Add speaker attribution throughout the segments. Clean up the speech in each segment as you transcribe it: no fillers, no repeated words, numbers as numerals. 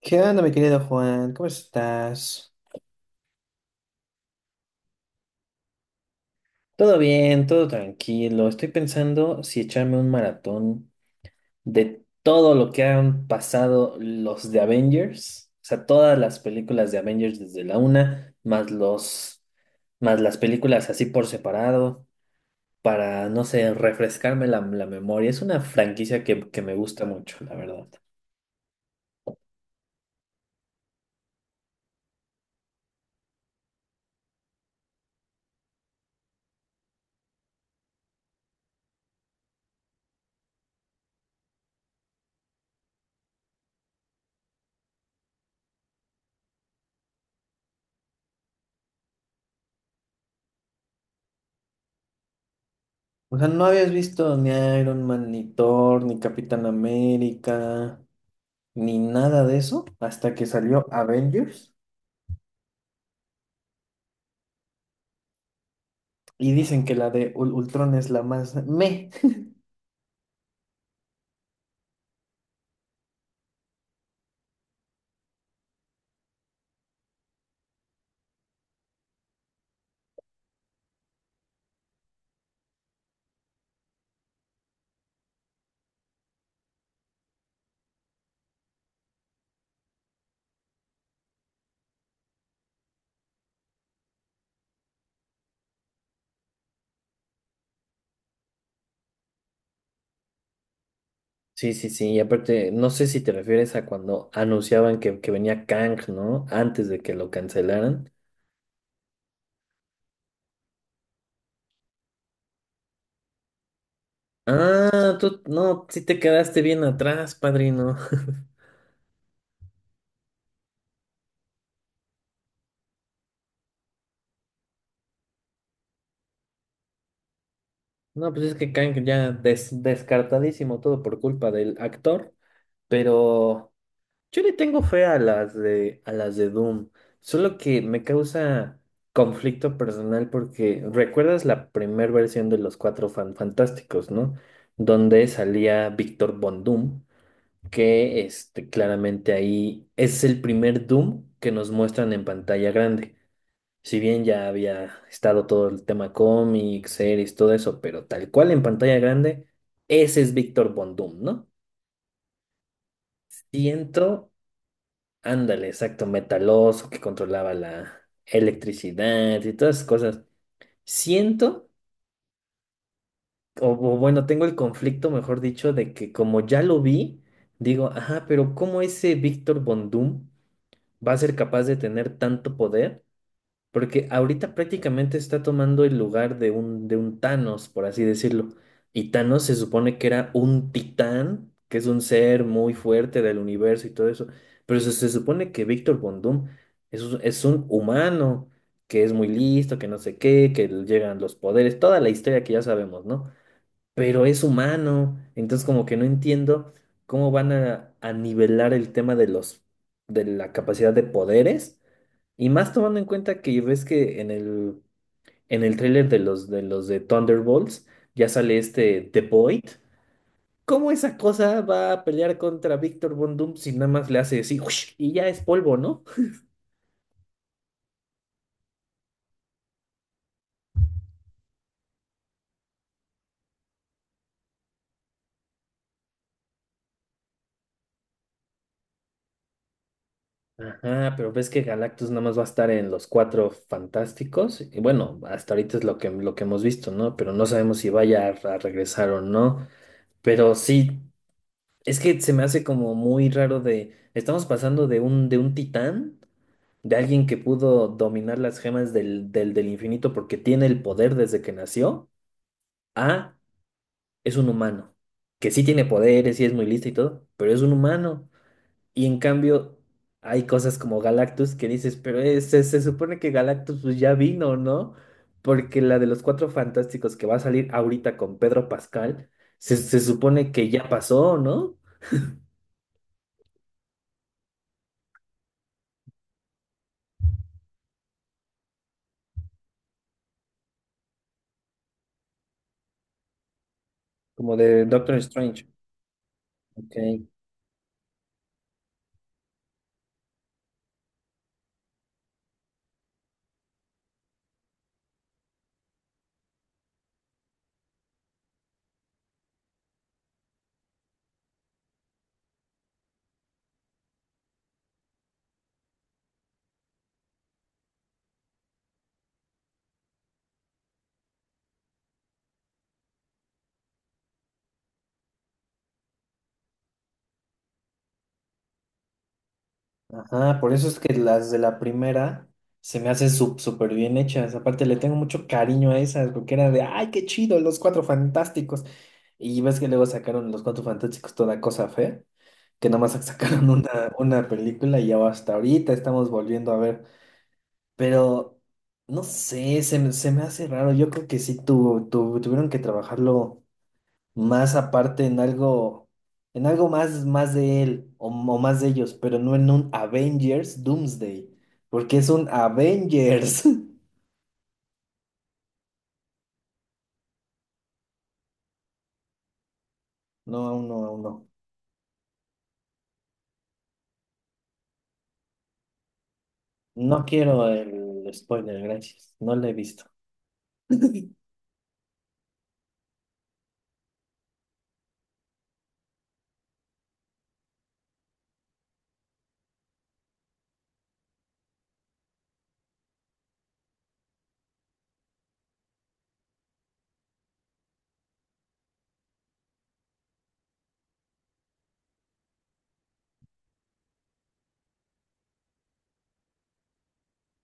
Speaker 1: ¿Qué onda, mi querido Juan? ¿Cómo estás? Todo bien, todo tranquilo. Estoy pensando si echarme un maratón de todo lo que han pasado los de Avengers. O sea, todas las películas de Avengers desde la una, más los, más las películas así por separado, para, no sé, refrescarme la memoria. Es una franquicia que me gusta mucho, la verdad. O sea, no habías visto ni Iron Man, ni Thor, ni Capitán América, ni nada de eso hasta que salió Avengers, y dicen que la de Ultron es la más meh. Sí, sí, sí. Y aparte, no sé si te refieres a cuando anunciaban que venía Kang, ¿no? Antes de que lo cancelaran. Ah, tú no, sí te quedaste bien atrás, padrino. No, pues es que Kang ya descartadísimo todo por culpa del actor, pero. Yo le tengo fe a a las de Doom, solo que me causa conflicto personal porque recuerdas la primera versión de los Cuatro Fantásticos, ¿no? Donde salía Víctor Von Doom, que este, claramente ahí es el primer Doom que nos muestran en pantalla grande. Si bien ya había estado todo el tema cómics, series, todo eso, pero tal cual en pantalla grande, ese es Víctor Von Doom, ¿no? Siento, ándale, exacto, metaloso que controlaba la electricidad y todas esas cosas. Siento, o bueno, tengo el conflicto, mejor dicho, de que como ya lo vi, digo, ajá, pero ¿cómo ese Víctor Von Doom va a ser capaz de tener tanto poder? Porque ahorita prácticamente está tomando el lugar de un Thanos, por así decirlo. Y Thanos se supone que era un titán, que es un ser muy fuerte del universo y todo eso. Pero se supone que Víctor Von Doom es, es un humano, que es muy listo, que no sé qué, que le llegan los poderes, toda la historia que ya sabemos, ¿no? Pero es humano, entonces como que no entiendo cómo van a nivelar el tema de los, de la capacidad de poderes, y más tomando en cuenta que ves que en el tráiler de los de Thunderbolts ya sale este The Void. ¿Cómo esa cosa va a pelear contra Victor Von Doom si nada más le hace así ¡ush! Y ya es polvo, ¿no? Ajá, pero ves que Galactus nada más va a estar en los cuatro fantásticos. Y bueno, hasta ahorita es lo que hemos visto, ¿no? Pero no sabemos si vaya a regresar o no. Pero sí, es que se me hace como muy raro de. Estamos pasando de un titán, de alguien que pudo dominar las gemas del infinito porque tiene el poder desde que nació, a es un humano, que sí tiene poderes y es muy listo y todo, pero es un humano. Y en cambio, hay cosas como Galactus que dices, pero se, se supone que Galactus pues, ya vino, ¿no? Porque la de los Cuatro Fantásticos que va a salir ahorita con Pedro Pascal, se supone que ya pasó, ¿no? Como de Doctor Strange. Ok. Ajá, por eso es que las de la primera se me hacen súper bien hechas. Aparte, le tengo mucho cariño a esas, porque era de, ay, qué chido, los cuatro fantásticos. Y ves que luego sacaron los cuatro fantásticos toda cosa fea, que nomás sacaron una película y ya hasta ahorita estamos volviendo a ver. Pero, no sé, se, se me hace raro. Yo creo que sí tuvo, tuvieron que trabajarlo más aparte en algo más, más de él o más de ellos, pero no en un Avengers Doomsday, porque es un Avengers. No, aún no, aún no. No quiero el spoiler, gracias. No lo he visto.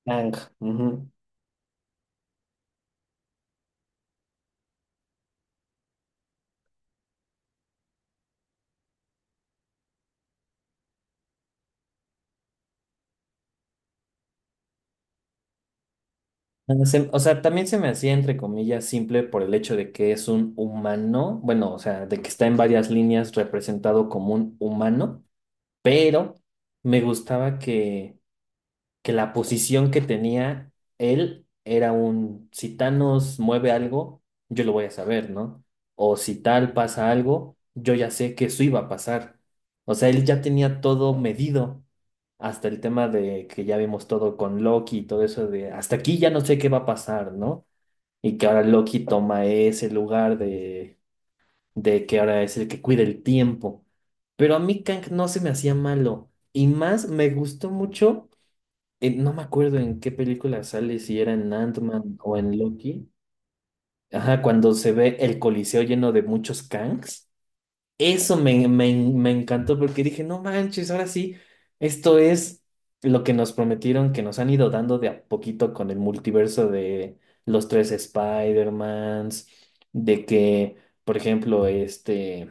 Speaker 1: Kang, ujú. No sé, o sea, también se me hacía entre comillas simple por el hecho de que es un humano, bueno, o sea, de que está en varias líneas representado como un humano, pero me gustaba que la posición que tenía él era un, si Thanos mueve algo, yo lo voy a saber, ¿no? O si tal pasa algo, yo ya sé que eso iba a pasar. O sea, él ya tenía todo medido, hasta el tema de que ya vimos todo con Loki y todo eso de, hasta aquí ya no sé qué va a pasar, ¿no? Y que ahora Loki toma ese lugar de que ahora es el que cuida el tiempo. Pero a mí Kang no se me hacía malo. Y más me gustó mucho, no me acuerdo en qué película sale, si era en Ant-Man o en Loki. Ajá, cuando se ve el Coliseo lleno de muchos Kangs. Eso me encantó porque dije, no manches, ahora sí, esto es lo que nos prometieron, que nos han ido dando de a poquito con el multiverso de los tres Spider-Mans, de que, por ejemplo, este...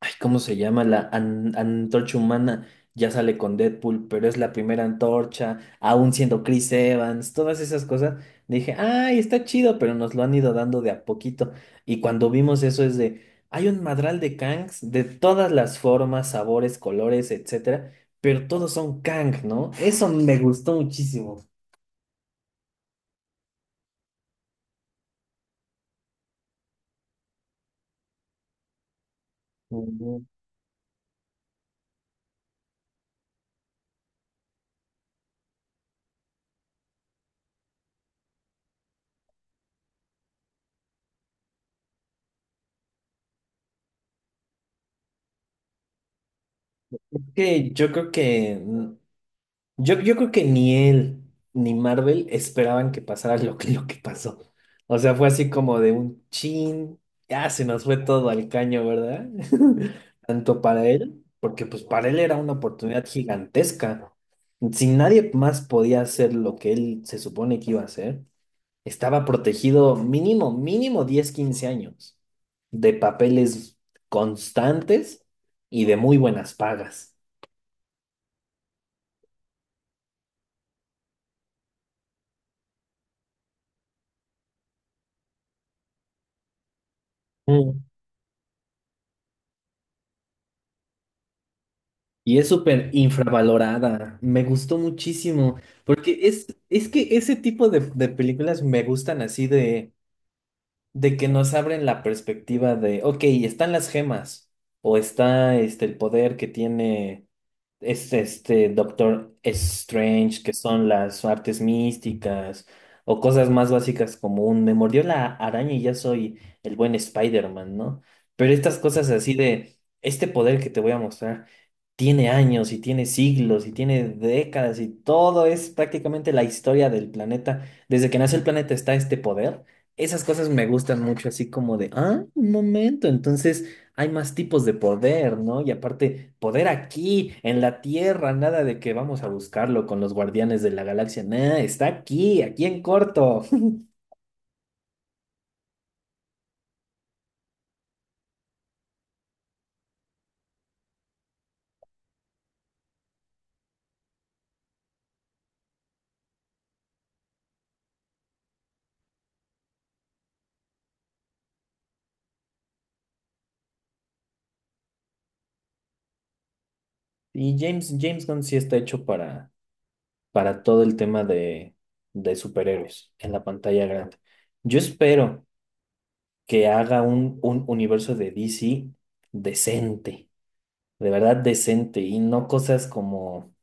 Speaker 1: Ay, ¿cómo se llama? La antorcha humana ya sale con Deadpool, pero es la primera antorcha, aún siendo Chris Evans, todas esas cosas. Dije, ay, está chido, pero nos lo han ido dando de a poquito. Y cuando vimos eso es de, hay un madral de Kangs de todas las formas, sabores, colores, etcétera, pero todos son Kang, ¿no? Eso me gustó muchísimo. Ujú. Que yo creo que yo, creo que ni él ni Marvel esperaban que pasara lo que pasó. O sea, fue así como de un chin, ya se nos fue todo al caño, ¿verdad? Tanto para él, porque pues para él era una oportunidad gigantesca. Si nadie más podía hacer lo que él se supone que iba a hacer, estaba protegido mínimo, mínimo 10 15 años de papeles constantes y de muy buenas pagas. Y es súper infravalorada. Me gustó muchísimo. Porque es que ese tipo de películas me gustan así de que nos abren la perspectiva de, ok, están las gemas o está este, el poder que tiene es este Doctor Strange, que son las artes místicas o cosas más básicas como un me mordió la araña y ya soy el buen Spider-Man, ¿no? Pero estas cosas así de este poder que te voy a mostrar tiene años y tiene siglos y tiene décadas y todo es prácticamente la historia del planeta. Desde que nace el planeta está este poder. Esas cosas me gustan mucho, así como de, ah, un momento, entonces hay más tipos de poder, ¿no? Y aparte, poder aquí, en la Tierra, nada de que vamos a buscarlo con los guardianes de la galaxia, nada, está aquí, aquí en corto. Y James Gunn sí está hecho para todo el tema de superhéroes en la pantalla grande. Yo espero que haga un universo de DC decente, de verdad decente, y no cosas como...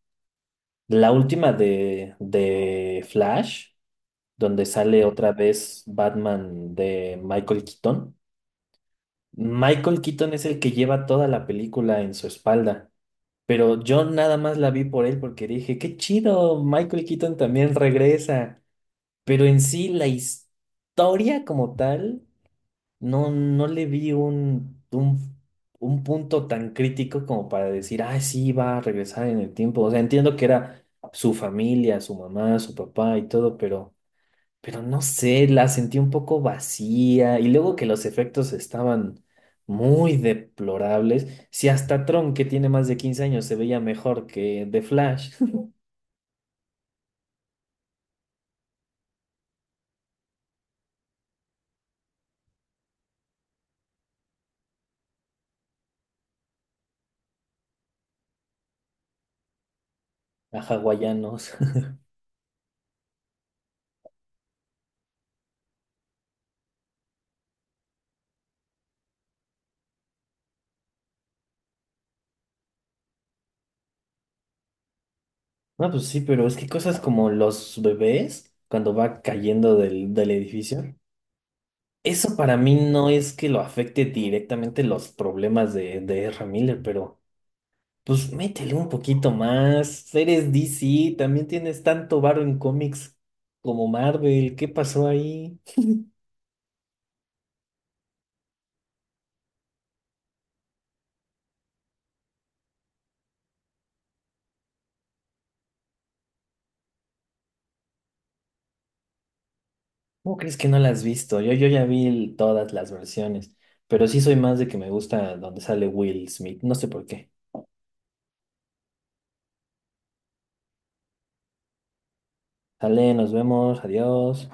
Speaker 1: La última de Flash, donde sale otra vez Batman de Michael Keaton. Michael Keaton es el que lleva toda la película en su espalda, pero yo nada más la vi por él porque dije, qué chido, Michael Keaton también regresa, pero en sí la historia como tal no, no le vi un punto tan crítico como para decir, ah, sí, va a regresar en el tiempo. O sea, entiendo que era su familia, su mamá, su papá y todo, pero no sé, la sentí un poco vacía. Y luego que los efectos estaban muy deplorables. Si hasta Tron, que tiene más de 15 años, se veía mejor que The Flash, a hawaianos. No, pues sí, pero es que cosas como los bebés, cuando va cayendo del, del edificio. Eso para mí no es que lo afecte directamente los problemas de Ezra Miller, pero pues métele un poquito más. Eres DC, también tienes tanto varo en cómics como Marvel. ¿Qué pasó ahí? ¿Cómo crees que no las has visto? Yo ya vi todas las versiones, pero sí soy más de que me gusta donde sale Will Smith. No sé por qué. Sale, nos vemos, adiós.